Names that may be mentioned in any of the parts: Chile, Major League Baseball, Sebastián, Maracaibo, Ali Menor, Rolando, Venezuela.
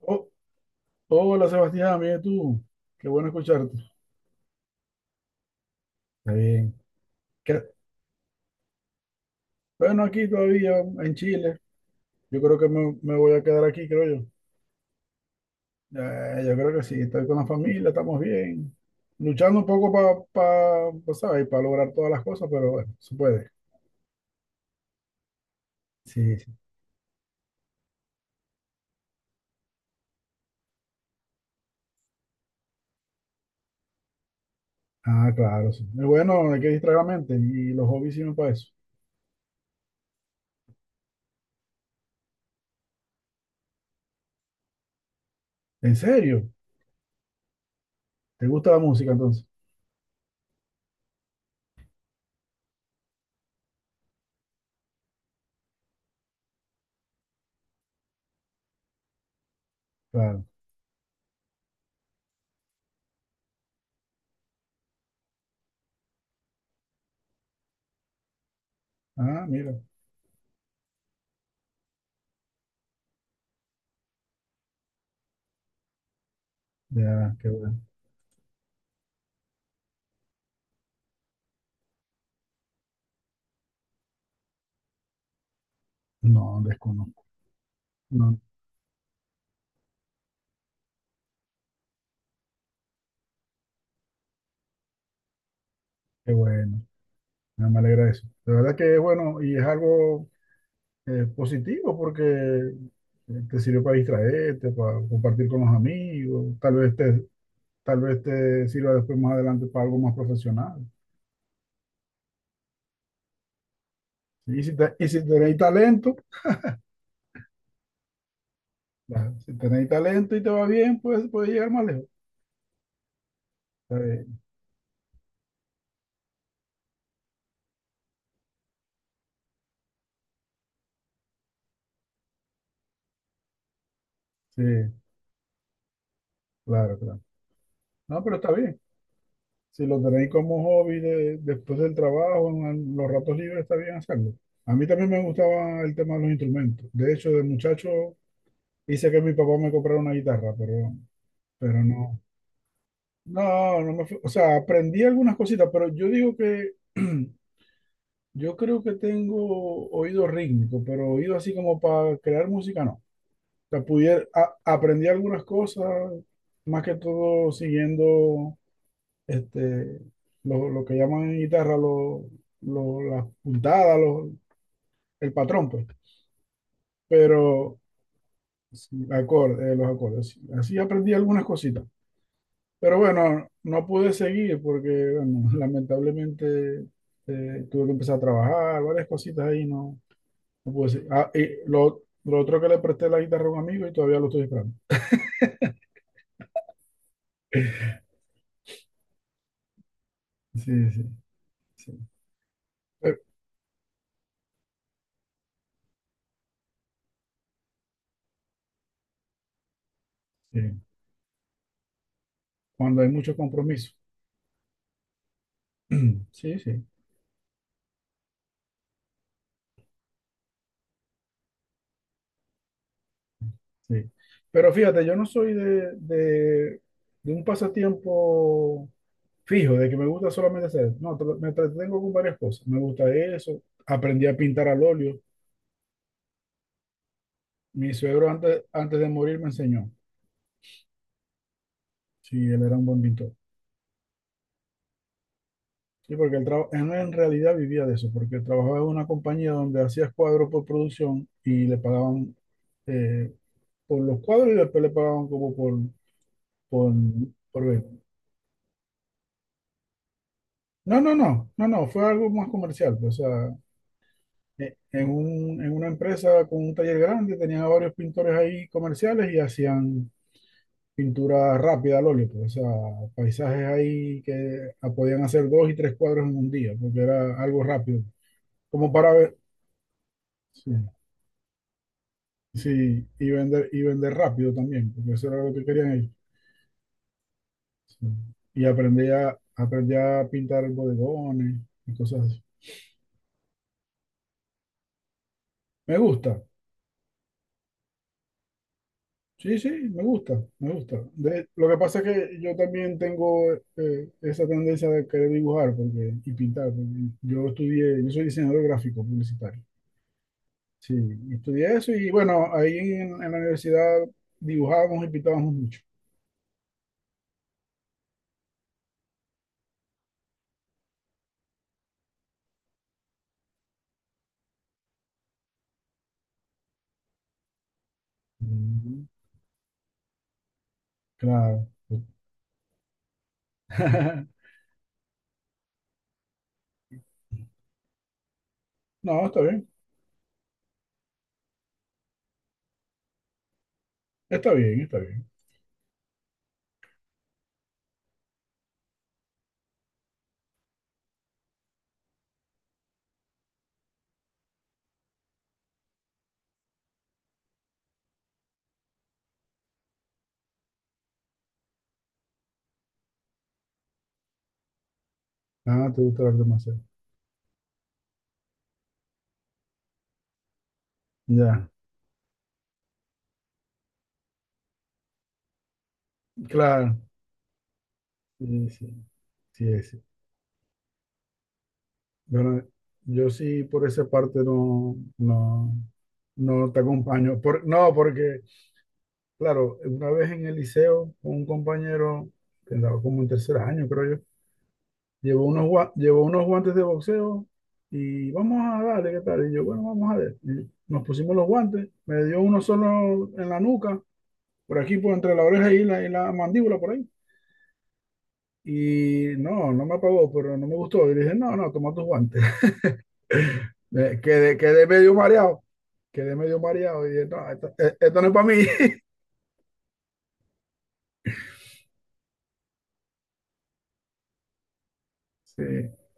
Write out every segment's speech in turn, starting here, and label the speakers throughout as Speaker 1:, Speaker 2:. Speaker 1: Oh, hola Sebastián, bien tú. Qué bueno escucharte. Está bien. ¿Qué- Bueno, aquí todavía en Chile. Yo creo que me voy a quedar aquí, creo yo. Yo creo que sí, estoy con la familia, estamos bien. Luchando un poco para, pa, pa- pa, ¿sabes? Para lograr todas las cosas, pero bueno, se puede. Sí, sí. Ah, claro, sí. Es bueno, hay que distraer la mente y los hobbies sirven para eso. ¿En serio? ¿Te gusta la música entonces? Claro. Ah, mira. Ya, qué bueno. No, desconozco. No, qué bueno. Ah, me alegra eso. De verdad que es bueno y es algo positivo porque te sirve para distraerte, para compartir con los amigos, tal vez te sirva después más adelante para algo más profesional. Si si tenéis talento y te va bien, pues puedes llegar más lejos. Está bien. Sí, claro, claro. No, pero está bien. Si lo tenéis como hobby después del trabajo, en los ratos libres, está bien hacerlo. A mí también me gustaba el tema de los instrumentos. De hecho, de muchacho hice que mi papá me comprara una guitarra, pero no. No, no me fui. O sea, aprendí algunas cositas, pero yo digo que yo creo que tengo oído rítmico, pero oído así como para crear música, no. O sea, aprendí algunas cosas, más que todo siguiendo este, lo que llaman en guitarra las puntadas, el patrón, pues. Pero sí, los acordes. Sí. Así aprendí algunas cositas. Pero bueno, no pude seguir porque, bueno, lamentablemente tuve que empezar a trabajar, varias cositas ahí, no, no pude seguir. Ah, y lo otro que le presté la guitarra a un amigo y todavía lo estoy esperando. Sí, sí, sí. Eh, sí. Cuando hay muchos compromisos. Sí, sí, sí. Pero fíjate, yo no soy de un pasatiempo fijo, de que me gusta solamente hacer. No, me entretengo con varias cosas. Me gusta eso. Aprendí a pintar al óleo. Mi suegro antes, antes de morir me enseñó. Sí, él era un buen pintor. Sí, porque él en realidad vivía de eso, porque trabajaba en una compañía donde hacía cuadros por producción y le pagaban eh, por los cuadros y después le pagaban como por, por venta. No, no, no, no, no, fue algo más comercial. Pues, o sea, en una empresa con un taller grande tenían a varios pintores ahí comerciales y hacían pintura rápida al óleo, pues, o sea, paisajes ahí que ah, podían hacer dos y tres cuadros en un día, porque era algo rápido, como para ver. Sí. Sí, y vender rápido también, porque eso era lo que querían ellos. Sí. Y aprendí a pintar bodegones y cosas así. Me gusta, sí, sí, me gusta, me gusta. Lo que pasa es que yo también tengo esa tendencia de querer dibujar porque, y pintar, porque yo estudié, yo soy diseñador gráfico publicitario. Sí, estudié eso y bueno, ahí en la universidad dibujábamos y pintábamos mucho. Mm, claro. No, está bien, está bien, está bien. Ah, te gusta hablar demasiado. Ya, claro. Sí, sí, sí, sí. Bueno, yo sí por esa parte no, no, no te acompaño. No, porque, claro, una vez en el liceo, un compañero que andaba como en tercer año, creo yo, llevó unos guantes de boxeo y vamos a darle, ¿qué tal? Y yo, bueno, vamos a ver. Y nos pusimos los guantes, me dio uno solo en la nuca, por aquí, por entre la oreja y la mandíbula, por ahí. Y no, no me apagó, pero no me gustó. Y le dije, no, no, toma tus guantes. Quedé medio mareado. Quedé medio mareado. Y dije, no, esto, esto no es para mí. Sí,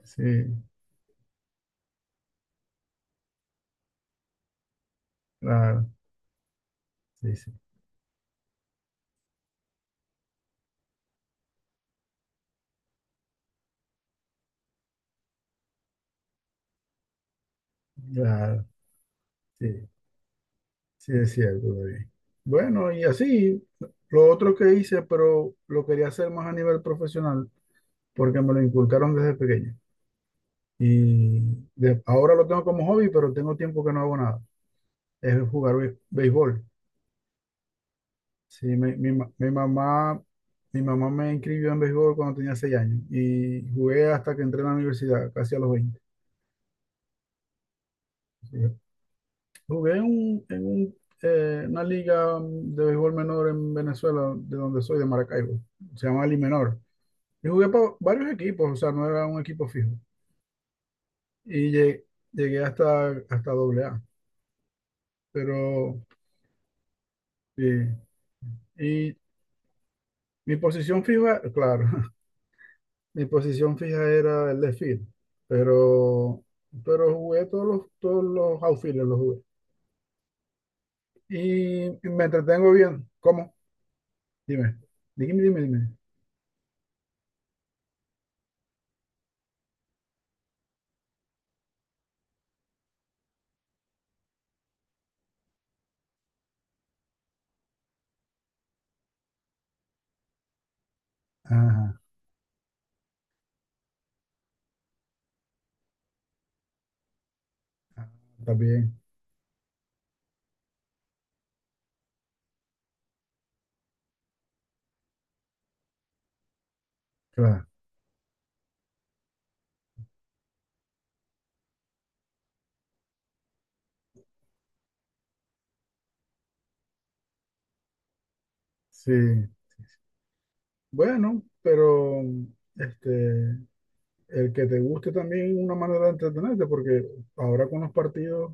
Speaker 1: sí, claro, sí, sí, claro, sí, sí es cierto. David. Bueno, y así, lo otro que hice, pero lo quería hacer más a nivel profesional, porque me lo inculcaron desde pequeño. Y ahora lo tengo como hobby, pero tengo tiempo que no hago nada. Es jugar béisbol. Sí, Mi mamá me inscribió en béisbol cuando tenía 6 años y jugué hasta que entré en la universidad, casi a los 20. Sí. Jugué una liga de béisbol menor en Venezuela, de donde soy, de Maracaibo. Se llama Ali Menor. Y jugué para varios equipos, o sea, no era un equipo fijo. Y llegué hasta AA. Pero, sí. Y mi posición fija, claro, mi posición fija era el de field, pero, pero jugué todos los outfielders, los jugué. Y me entretengo bien. ¿Cómo? Dime. Dime, dime, dime. Ajá, está bien, claro. Sí. Bueno, pero este, el que te guste también es una manera de entretenerte, porque ahora con los partidos,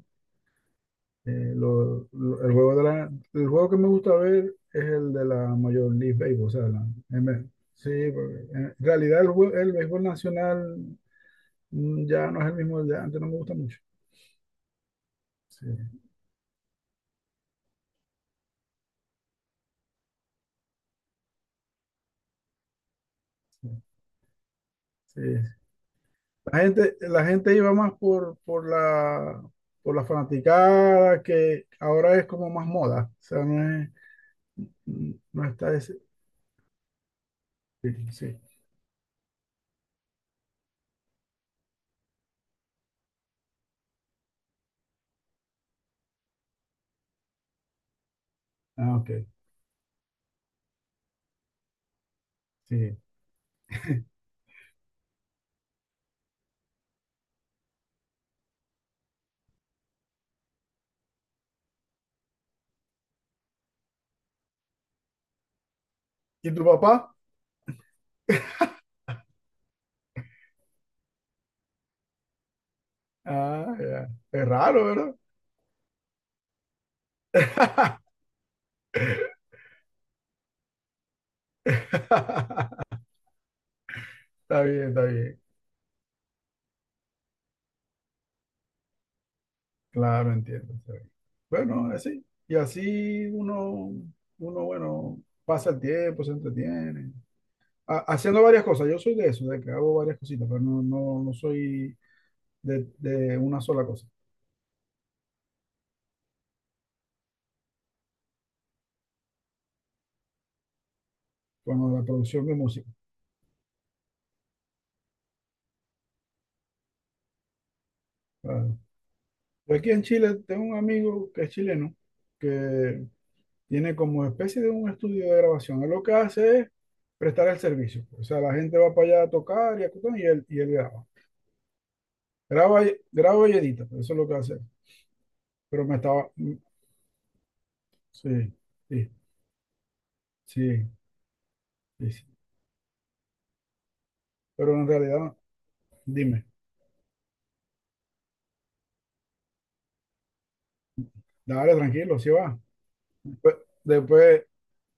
Speaker 1: eh, lo- lo- el juego de la, el juego que me gusta ver es el de la Major League Baseball, o sea, sí, porque en realidad el béisbol nacional ya no es el mismo de antes, no me gusta mucho. Sí, sí, sí. La gente iba más por la fanaticada, que ahora es como más moda. O sea, no está ese. Sí, sí. Ah, ok. Sí. ¿Y tu papá? Ah, ya. Es raro, ¿verdad? Está bien, está bien. Claro, entiendo. Está bien. Bueno, así. Y así uno, bueno, pasa el tiempo, se entretiene. Haciendo varias cosas. Yo soy de eso, de que hago varias cositas, pero no, no, no soy de una sola cosa, con la producción de música. Claro. Yo aquí en Chile tengo un amigo que es chileno, que tiene como especie de un estudio de grabación. Él lo que hace es prestar el servicio. O sea, la gente va para allá a tocar y a tocar, y él graba. Graba y edita, eso es lo que hace. Sí, sí, sí, sí. Sí. Pero en realidad, dime, dale tranquilo, si va. Después, después,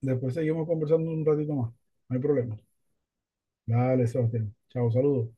Speaker 1: después seguimos conversando un ratito más, no hay problema. Dale, Sebastián. Chao, saludos.